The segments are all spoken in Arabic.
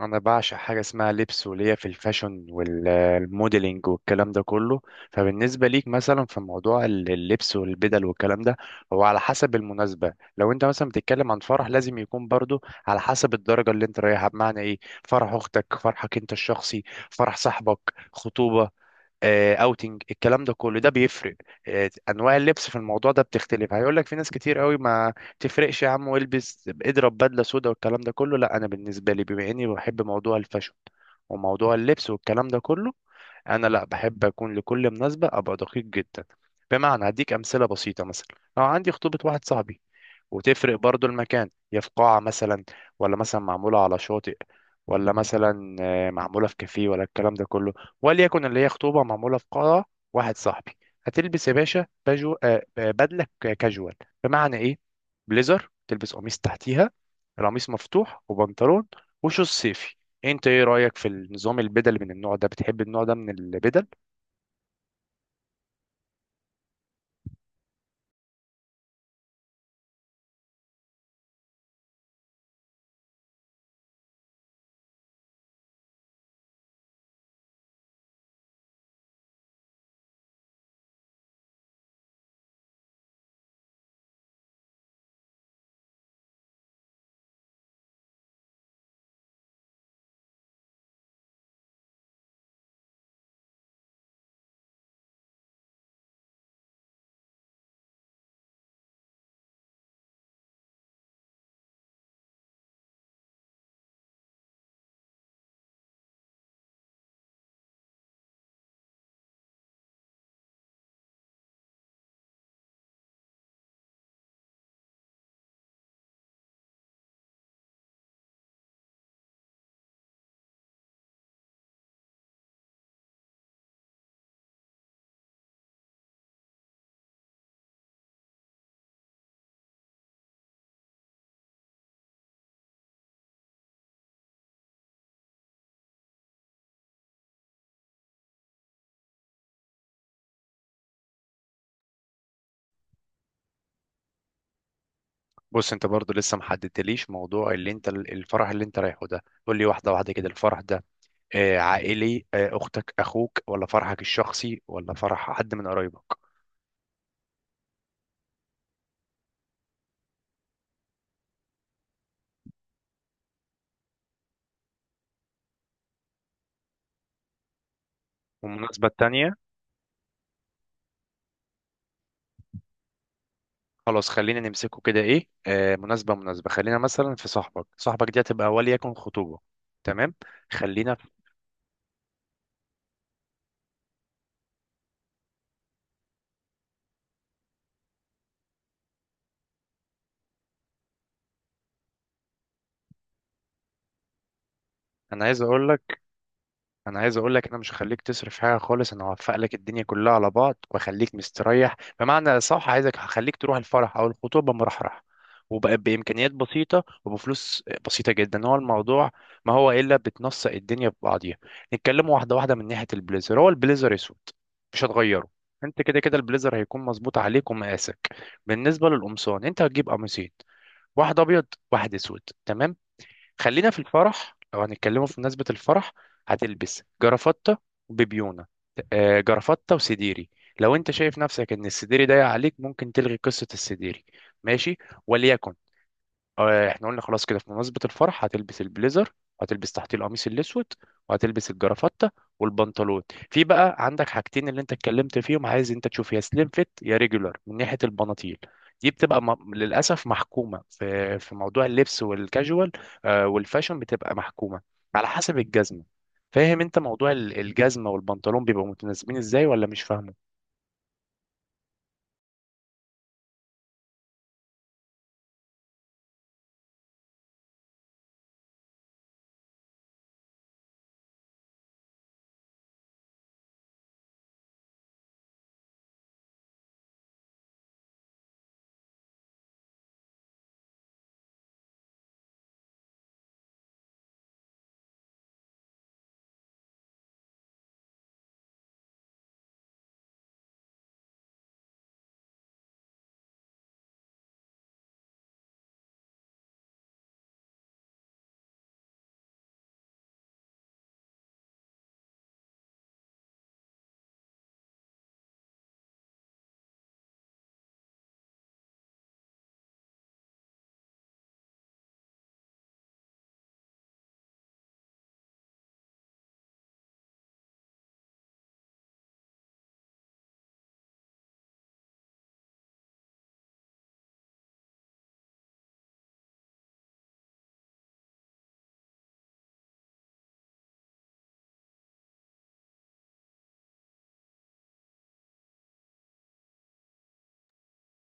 انا بعشق حاجه اسمها لبس، وليا في الفاشن والموديلينج والكلام ده كله. فبالنسبه ليك مثلا في موضوع اللبس والبدل والكلام ده، هو على حسب المناسبه. لو انت مثلا بتتكلم عن فرح، لازم يكون برضو على حسب الدرجه اللي انت رايحها. بمعنى ايه؟ فرح اختك، فرحك انت الشخصي، فرح صاحبك، خطوبه، اوتنج، الكلام ده كله ده بيفرق. انواع اللبس في الموضوع ده بتختلف. هيقول لك في ناس كتير قوي: ما تفرقش يا عم، والبس اضرب بدله سودا والكلام ده كله. لا، انا بالنسبه لي، بما اني بحب موضوع الفاشن وموضوع اللبس والكلام ده كله، انا لا بحب اكون لكل مناسبه ابقى دقيق جدا. بمعنى هديك امثله بسيطه. مثلا لو عندي خطوبه واحد صاحبي، وتفرق برضو المكان، هي في قاعة مثلا، ولا مثلا معمولة على شاطئ، ولا مثلا معمولة في كافيه، ولا الكلام ده كله. وليكن اللي هي خطوبة معمولة في قاعة واحد صاحبي. هتلبس يا باشا بجو، بدلة كاجوال. بمعنى ايه؟ بليزر تلبس قميص تحتيها، القميص مفتوح، وبنطلون، وشوز صيفي. انت ايه رأيك في النظام البدل من النوع ده؟ بتحب النوع ده من البدل؟ بص، انت برضو لسه محددتليش موضوع اللي انت الفرح اللي انت رايحه ده. قول لي واحدة واحدة كده. الفرح ده عائلي؟ أختك؟ أخوك؟ ولا فرحك الشخصي؟ ولا فرح حد من قرايبك؟ والمناسبة التانية؟ خلاص، خلينا نمسكه كده. إيه مناسبة مناسبة، خلينا مثلا في صاحبك. صاحبك دي هتبقى وليكن خطوبة. تمام. خلينا في... أنا عايز أقول لك انا عايز اقول لك: انا مش هخليك تصرف حاجه خالص. انا هوفق لك الدنيا كلها على بعض واخليك مستريح. بمعنى صح، عايزك هخليك تروح الفرح او الخطوبه مرحرح، وبقى بامكانيات بسيطه وبفلوس بسيطه جدا هو الموضوع. ما هو الا بتنسق الدنيا ببعضيها. نتكلم واحده واحده. من ناحيه البليزر، هو البليزر اسود، مش هتغيره. انت كده كده البليزر هيكون مظبوط عليك ومقاسك. بالنسبه للقمصان، انت هتجيب قميصين: واحد ابيض، واحد اسود. تمام. خلينا في الفرح. لو هنتكلموا في مناسبة الفرح، هتلبس جرافطة وبيبيونة، جرافطة وسديري. لو انت شايف نفسك ان السديري ضايق عليك، ممكن تلغي قصة السديري. ماشي. وليكن احنا قلنا خلاص كده في مناسبة الفرح، هتلبس البليزر، وهتلبس تحتيه القميص الأسود، وهتلبس الجرافتة، والبنطلون. في بقى عندك حاجتين اللي انت اتكلمت فيهم. عايز انت تشوف يا سليم فيت يا ريجولار من ناحية البناطيل. دي بتبقى للأسف محكومة، في موضوع اللبس والكاجوال والفاشن، بتبقى محكومة على حسب الجزمة. فاهم انت موضوع الجزمة والبنطلون بيبقوا متناسبين ازاي، ولا مش فاهمه؟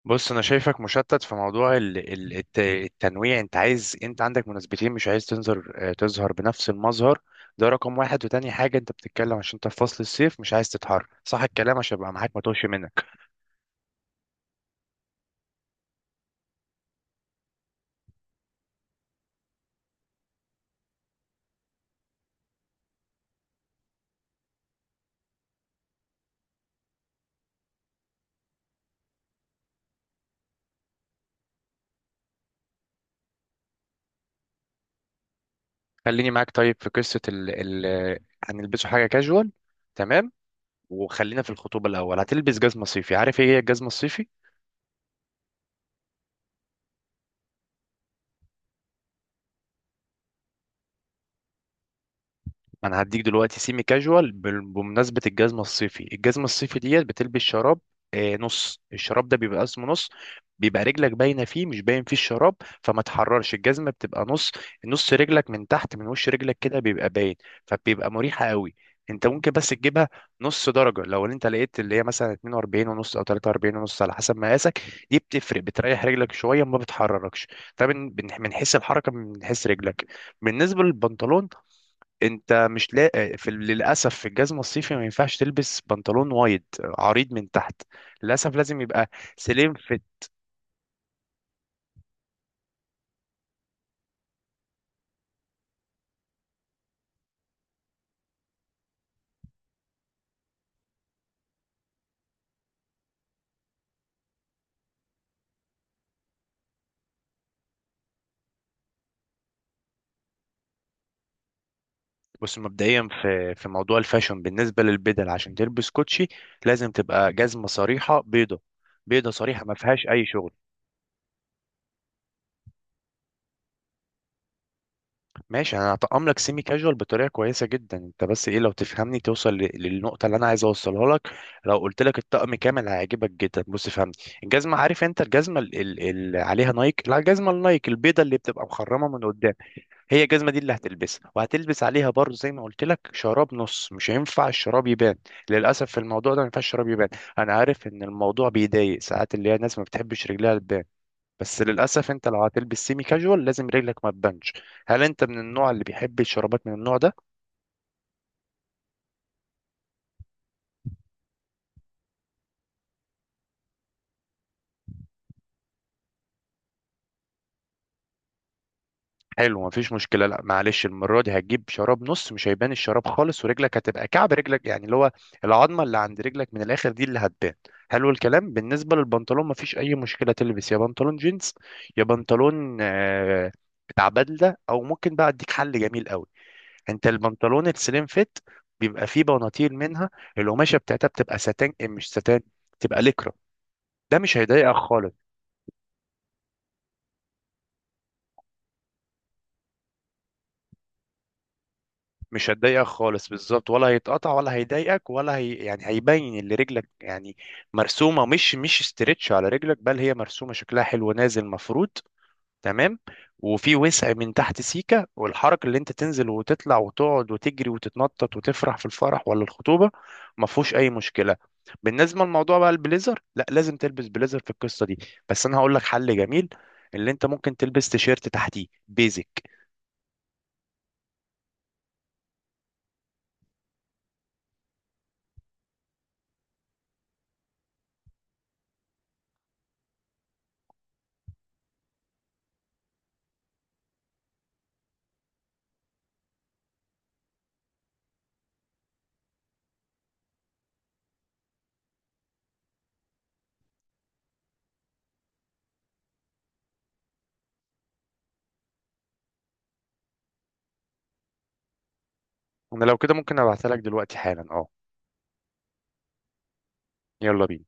بص، انا شايفك مشتت في موضوع التنويع. انت عندك مناسبتين، مش عايز تنظر آه، تظهر بنفس المظهر. ده رقم واحد. وتاني حاجة انت بتتكلم، عشان انت في فصل الصيف، مش عايز تتحر. صح الكلام، عشان ابقى معاك ما توهش منك. خليني معاك طيب في قصة ال ال آه، هنلبسه حاجة كاجوال. تمام. وخلينا في الخطوبة الأول. هتلبس جزمة صيفي. عارف ايه هي الجزمة الصيفي؟ انا هديك دلوقتي سيمي كاجوال. بمناسبه الجزمه الصيفي ديت بتلبس شراب نص. الشراب ده بيبقى اسمه نص، بيبقى رجلك باينه فيه، مش باين فيه الشراب، فما تحررش. الجزمه بتبقى نص. نص رجلك من تحت من وش رجلك كده بيبقى باين، فبيبقى مريحه قوي. انت ممكن بس تجيبها نص درجه، لو انت لقيت اللي هي مثلا 42 ونص او 43 ونص على حسب مقاسك. دي بتفرق، بتريح رجلك شويه ما بتحركش. ده من حيث الحركه، من حيث رجلك. بالنسبه للبنطلون، انت مش لاقي في، للاسف، في الجزمه الصيفي ما ينفعش تلبس بنطلون وايد عريض من تحت. للاسف لازم يبقى سليم فيت. بص، مبدئيا في موضوع الفاشن بالنسبه للبدل، عشان تلبس كوتشي لازم تبقى جزمه صريحه بيضه. بيضه صريحه، ما فيهاش اي شغل. ماشي، انا هطقم لك سيمي كاجوال بطريقه كويسه جدا. انت بس ايه، لو تفهمني، توصل للنقطه اللي انا عايز اوصلها لك. لو قلت لك الطقم كامل هيعجبك جدا. بص فهمني. الجزمه، عارف انت الجزمه اللي عليها نايك؟ لا، الجزمه النايك البيضه اللي بتبقى مخرمه من قدام. هي الجزمه دي اللي هتلبسها. وهتلبس عليها برضه زي ما قلت لك شراب نص. مش هينفع الشراب يبان. للاسف في الموضوع ده ما ينفعش الشراب يبان. انا عارف ان الموضوع بيضايق ساعات، اللي هي الناس ما بتحبش رجلها تبان. بس للأسف، أنت لو هتلبس سيمي كاجوال، لازم رجلك ما تبانش. هل أنت من النوع اللي بيحب الشرابات من النوع ده؟ حلو، مفيش مشكلة. لا معلش، المرة دي هتجيب شراب نص. مش هيبان الشراب خالص، ورجلك هتبقى كعب رجلك، يعني اللي هو العظمة اللي عند رجلك من الآخر، دي اللي هتبان. حلو الكلام. بالنسبة للبنطلون، مفيش أي مشكلة: تلبس يا بنطلون جينز، يا بنطلون بتاع بدلة. أو ممكن بقى أديك حل جميل قوي. أنت البنطلون السليم فيت بيبقى فيه بناطيل منها القماشة بتاعتها بتبقى ساتان، مش ساتان، تبقى ليكرا. ده مش هيضايقك خالص. مش هتضايقك خالص بالظبط، ولا هيتقطع، ولا هيضايقك، ولا هي يعني هيبين اللي رجلك، يعني مرسومه، مش استرتش على رجلك، بل هي مرسومه شكلها حلو نازل مفروض. تمام. وفي وسع من تحت سيكه، والحركه اللي انت تنزل وتطلع وتقعد وتجري وتتنطط وتفرح في الفرح ولا الخطوبه، ما فيهوش اي مشكله. بالنسبه للموضوع بقى، البليزر لا لازم تلبس بليزر في القصه دي. بس انا هقول لك حل جميل، اللي انت ممكن تلبس تيشيرت تحتيه بيزك. انا لو كده ممكن ابعتها لك دلوقتي حالا، اه. يلا بينا.